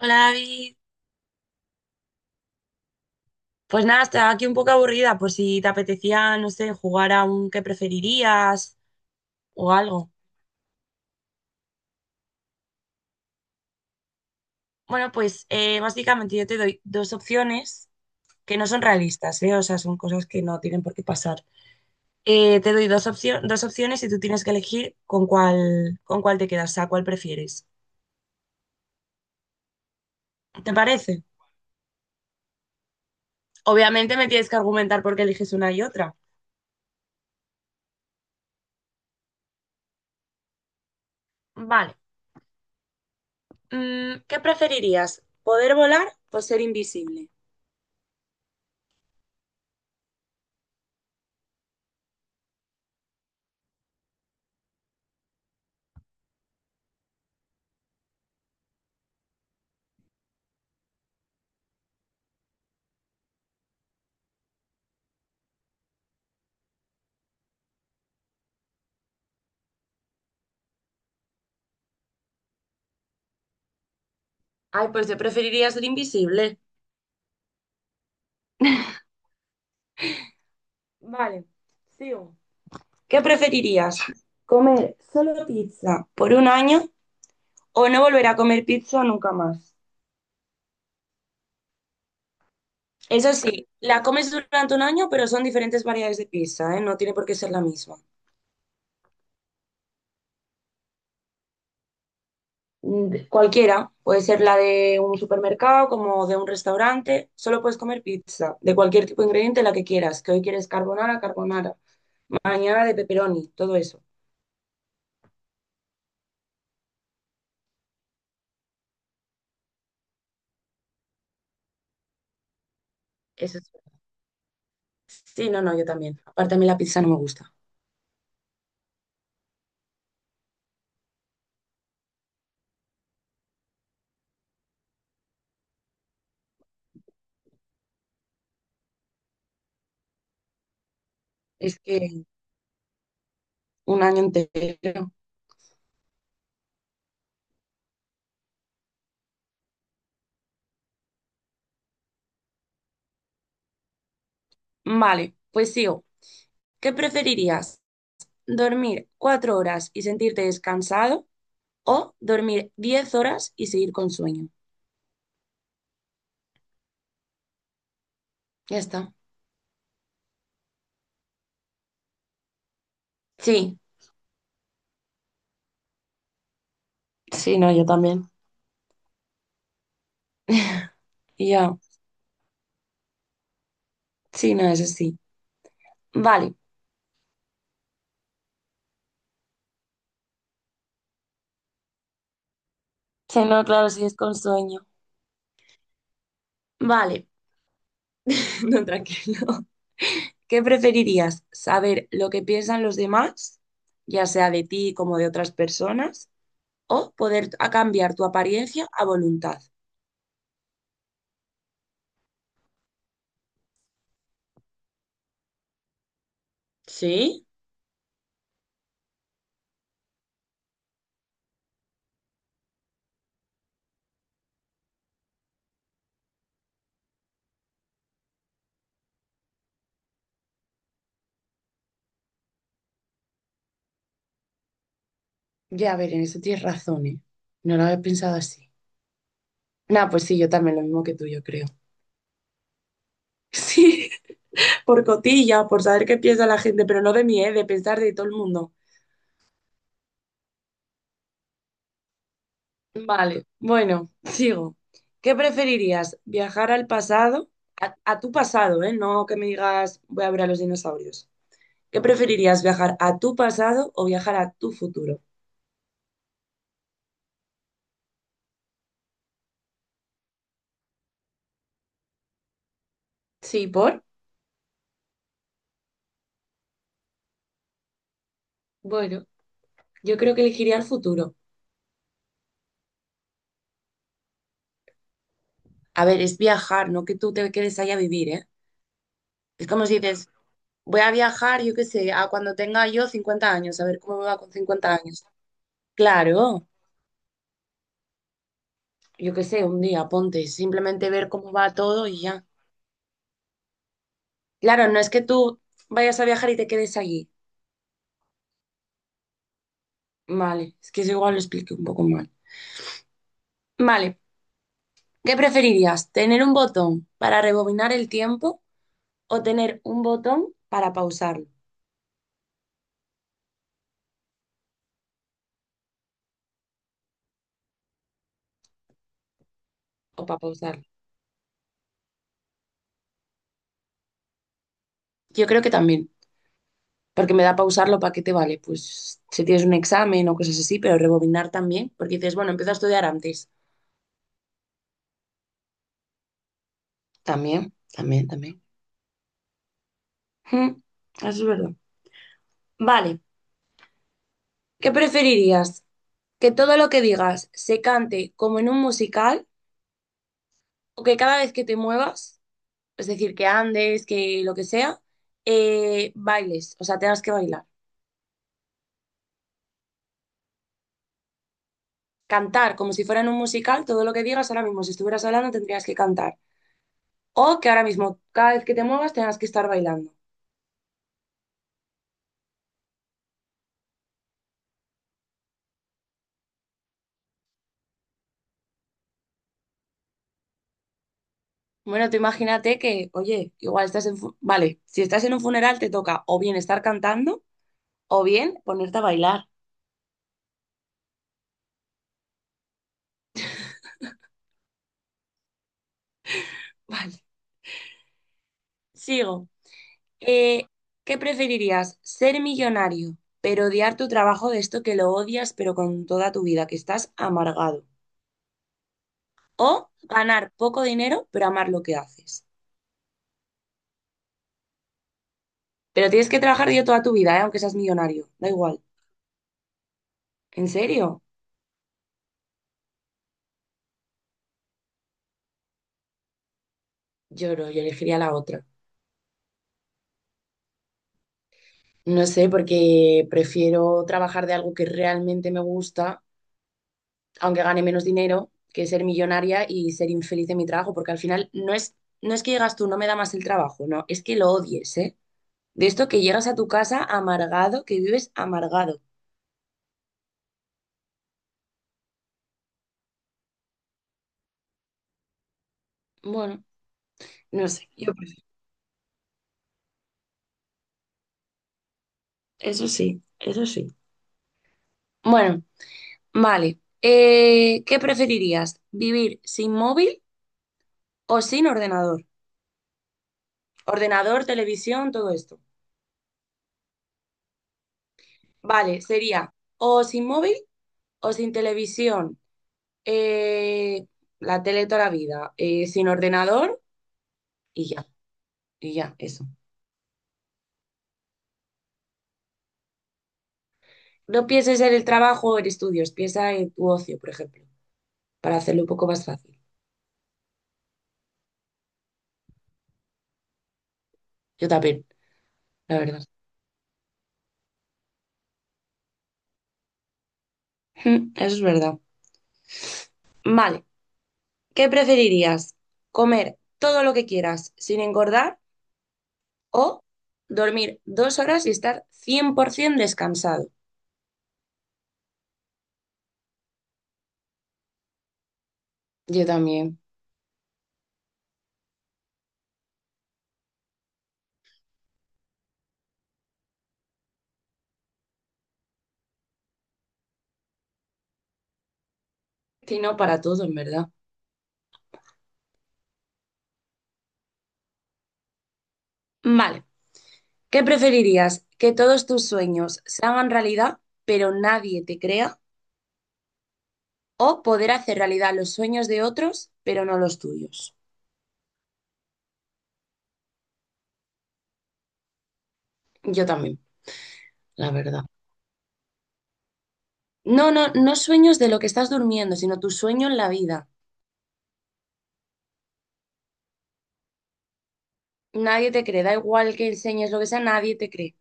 Hola David. Pues nada, estaba aquí un poco aburrida, por si te apetecía, no sé, jugar a un qué preferirías o algo. Bueno, pues básicamente yo te doy dos opciones que no son realistas, ¿eh? O sea, son cosas que no tienen por qué pasar. Te doy dos opciones y tú tienes que elegir con cuál te quedas, o sea, cuál prefieres. ¿Te parece? Obviamente me tienes que argumentar por qué eliges una y otra. Vale. ¿Qué preferirías? ¿Poder volar o ser invisible? Ay, pues yo preferiría ser invisible. Vale, sigo. ¿Qué preferirías? ¿Comer solo pizza por un año o no volver a comer pizza nunca más? Eso sí, la comes durante un año, pero son diferentes variedades de pizza, ¿eh? No tiene por qué ser la misma. Cualquiera, puede ser la de un supermercado, como de un restaurante, solo puedes comer pizza, de cualquier tipo de ingrediente, la que quieras, que hoy quieres carbonara, carbonara, mañana de pepperoni, todo eso. Eso es- Sí, no, no, yo también. Aparte a mí la pizza no me gusta. Es que un año entero. Vale, pues sigo. ¿Qué preferirías? ¿Dormir 4 horas y sentirte descansado o dormir 10 horas y seguir con sueño? Ya está. Sí, sí, no, yo también. Y ya, sí, no, eso sí. Vale. Sí, no, claro, sí es con sueño. Vale, no, tranquilo. ¿Qué preferirías? ¿Saber lo que piensan los demás, ya sea de ti como de otras personas, o poder a cambiar tu apariencia a voluntad? Sí. Ya, a ver, en eso tienes razón, ¿eh? No lo había pensado así. Nah, pues sí, yo también, lo mismo que tú, yo creo. Sí, por cotilla, por saber qué piensa la gente, pero no de mí, ¿eh? De pensar de todo el mundo. Vale, bueno, sigo. ¿Qué preferirías? ¿Viajar al pasado? A tu pasado, ¿eh? No que me digas, voy a ver a los dinosaurios. ¿Qué preferirías? ¿Viajar a tu pasado o viajar a tu futuro? Sí, ¿por? Bueno, yo creo que elegiría el futuro. A ver, es viajar, no que tú te quedes ahí a vivir, ¿eh? Es como si dices, voy a viajar, yo qué sé, a cuando tenga yo 50 años, a ver cómo me va con 50 años. Claro, yo qué sé, un día, ponte, simplemente ver cómo va todo y ya. Claro, no es que tú vayas a viajar y te quedes allí. Vale, es que eso igual lo expliqué un poco mal. Vale, ¿qué preferirías? ¿Tener un botón para rebobinar el tiempo o tener un botón para pausarlo o para pausarlo? Yo creo que también, porque me da pausarlo, ¿para qué te vale? Pues si tienes un examen o cosas así, pero rebobinar también, porque dices, bueno, empiezo a estudiar antes. También, también, también. Mm, Eso es verdad. Vale, ¿qué preferirías? ¿Que todo lo que digas se cante como en un musical o que cada vez que te muevas, es decir, que andes, que lo que sea, bailes, o sea, tengas que bailar? Cantar como si fuera en un musical, todo lo que digas ahora mismo, si estuvieras hablando, tendrías que cantar. O que ahora mismo, cada vez que te muevas, tengas que estar bailando. Bueno, tú imagínate que, oye, igual estás en vale, si estás en un funeral te toca o bien estar cantando o bien ponerte a bailar. Vale, sigo. Eh, ¿Qué preferirías? ¿Ser millonario, pero odiar tu trabajo de esto que lo odias, pero con toda tu vida, que estás amargado? ¿O ganar poco dinero, pero amar lo que haces? Pero tienes que trabajar yo toda tu vida, ¿eh? Aunque seas millonario, da igual. ¿En serio? Lloro, yo elegiría la otra. No sé, porque prefiero trabajar de algo que realmente me gusta aunque gane menos dinero, que ser millonaria y ser infeliz en mi trabajo, porque al final no es que llegas tú, no me da más el trabajo, no, es que lo odies, ¿eh? De esto que llegas a tu casa amargado, que vives amargado. Bueno, no sé, eso sí, eso sí. Bueno, vale. ¿Qué preferirías? ¿Vivir sin móvil o sin ordenador? Ordenador, televisión, todo esto. Vale, sería o sin móvil o sin televisión, eh, la tele toda la vida, sin ordenador y ya, y ya, eso. No pienses en el trabajo o en estudios, piensa en tu ocio, por ejemplo, para hacerlo un poco más fácil. Yo también, la verdad. Eso es verdad. Vale, ¿qué preferirías? ¿Comer todo lo que quieras sin engordar o dormir 2 horas y estar 100% descansado? Yo también. Si no, para todo, en verdad. Vale. ¿Qué preferirías? ¿Que todos tus sueños se hagan realidad, pero nadie te crea? ¿O poder hacer realidad los sueños de otros, pero no los tuyos? Yo también, la verdad. No, no, no sueños de lo que estás durmiendo, sino tu sueño en la vida. Nadie te cree, da igual que enseñes lo que sea, nadie te cree.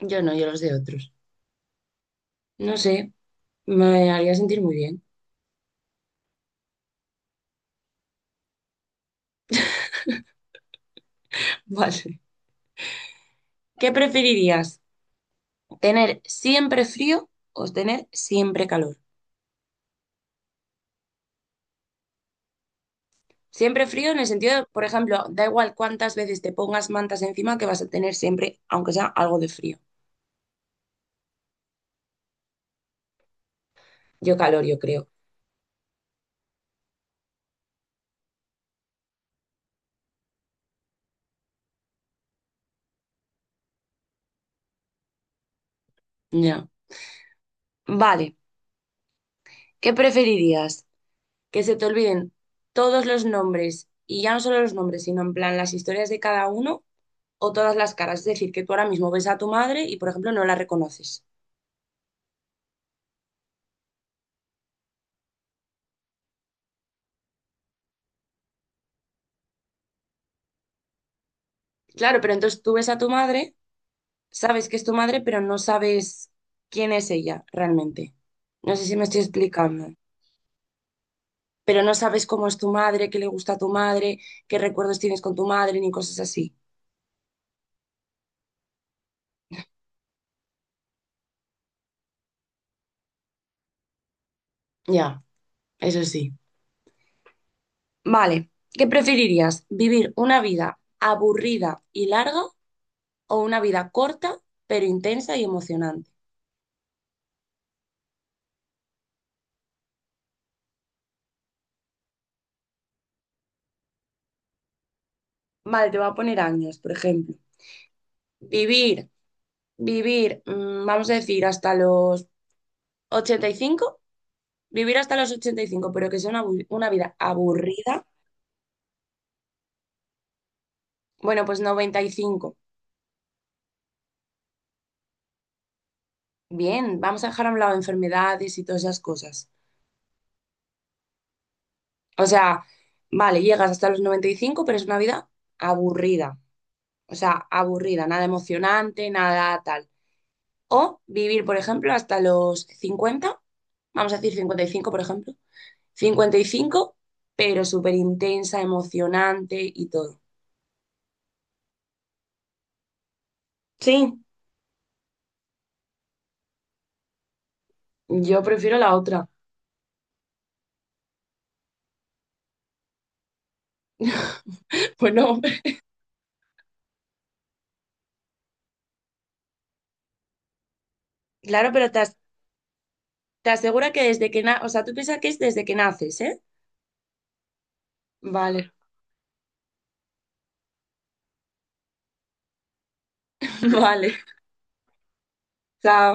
Yo no, yo los de otros. No sé, me haría sentir muy bien. Vale. ¿Qué preferirías? ¿Tener siempre frío o tener siempre calor? Siempre frío en el sentido, de, por ejemplo, da igual cuántas veces te pongas mantas encima que vas a tener siempre, aunque sea algo de frío. Yo calor, yo creo. Ya. Vale. ¿Qué preferirías? ¿Que se te olviden todos los nombres y ya no solo los nombres, sino en plan las historias de cada uno o todas las caras? Es decir, que tú ahora mismo ves a tu madre y, por ejemplo, no la reconoces. Claro, pero entonces tú ves a tu madre, sabes que es tu madre, pero no sabes quién es ella realmente. No sé si me estoy explicando. Pero no sabes cómo es tu madre, qué le gusta a tu madre, qué recuerdos tienes con tu madre, ni cosas así. Ya, eso sí. Vale, ¿qué preferirías? ¿Vivir una vida aburrida y larga o una vida corta, pero intensa y emocionante? Vale, te voy a poner años, por ejemplo. Vivir, vivir, vamos a decir, hasta los 85. Vivir hasta los 85, pero que sea una, una vida aburrida. Bueno, pues 95. Bien, vamos a dejar a un lado enfermedades y todas esas cosas. O sea, vale, llegas hasta los 95, pero es una vida aburrida. O sea, aburrida, nada emocionante, nada tal. O vivir, por ejemplo, hasta los 50, vamos a decir 55, por ejemplo. 55, pero súper intensa, emocionante y todo. Sí, yo prefiero la otra. Pues no, claro, pero te asegura que desde que o sea, tú piensas que es desde que naces, ¿eh? Vale, vale. Chao.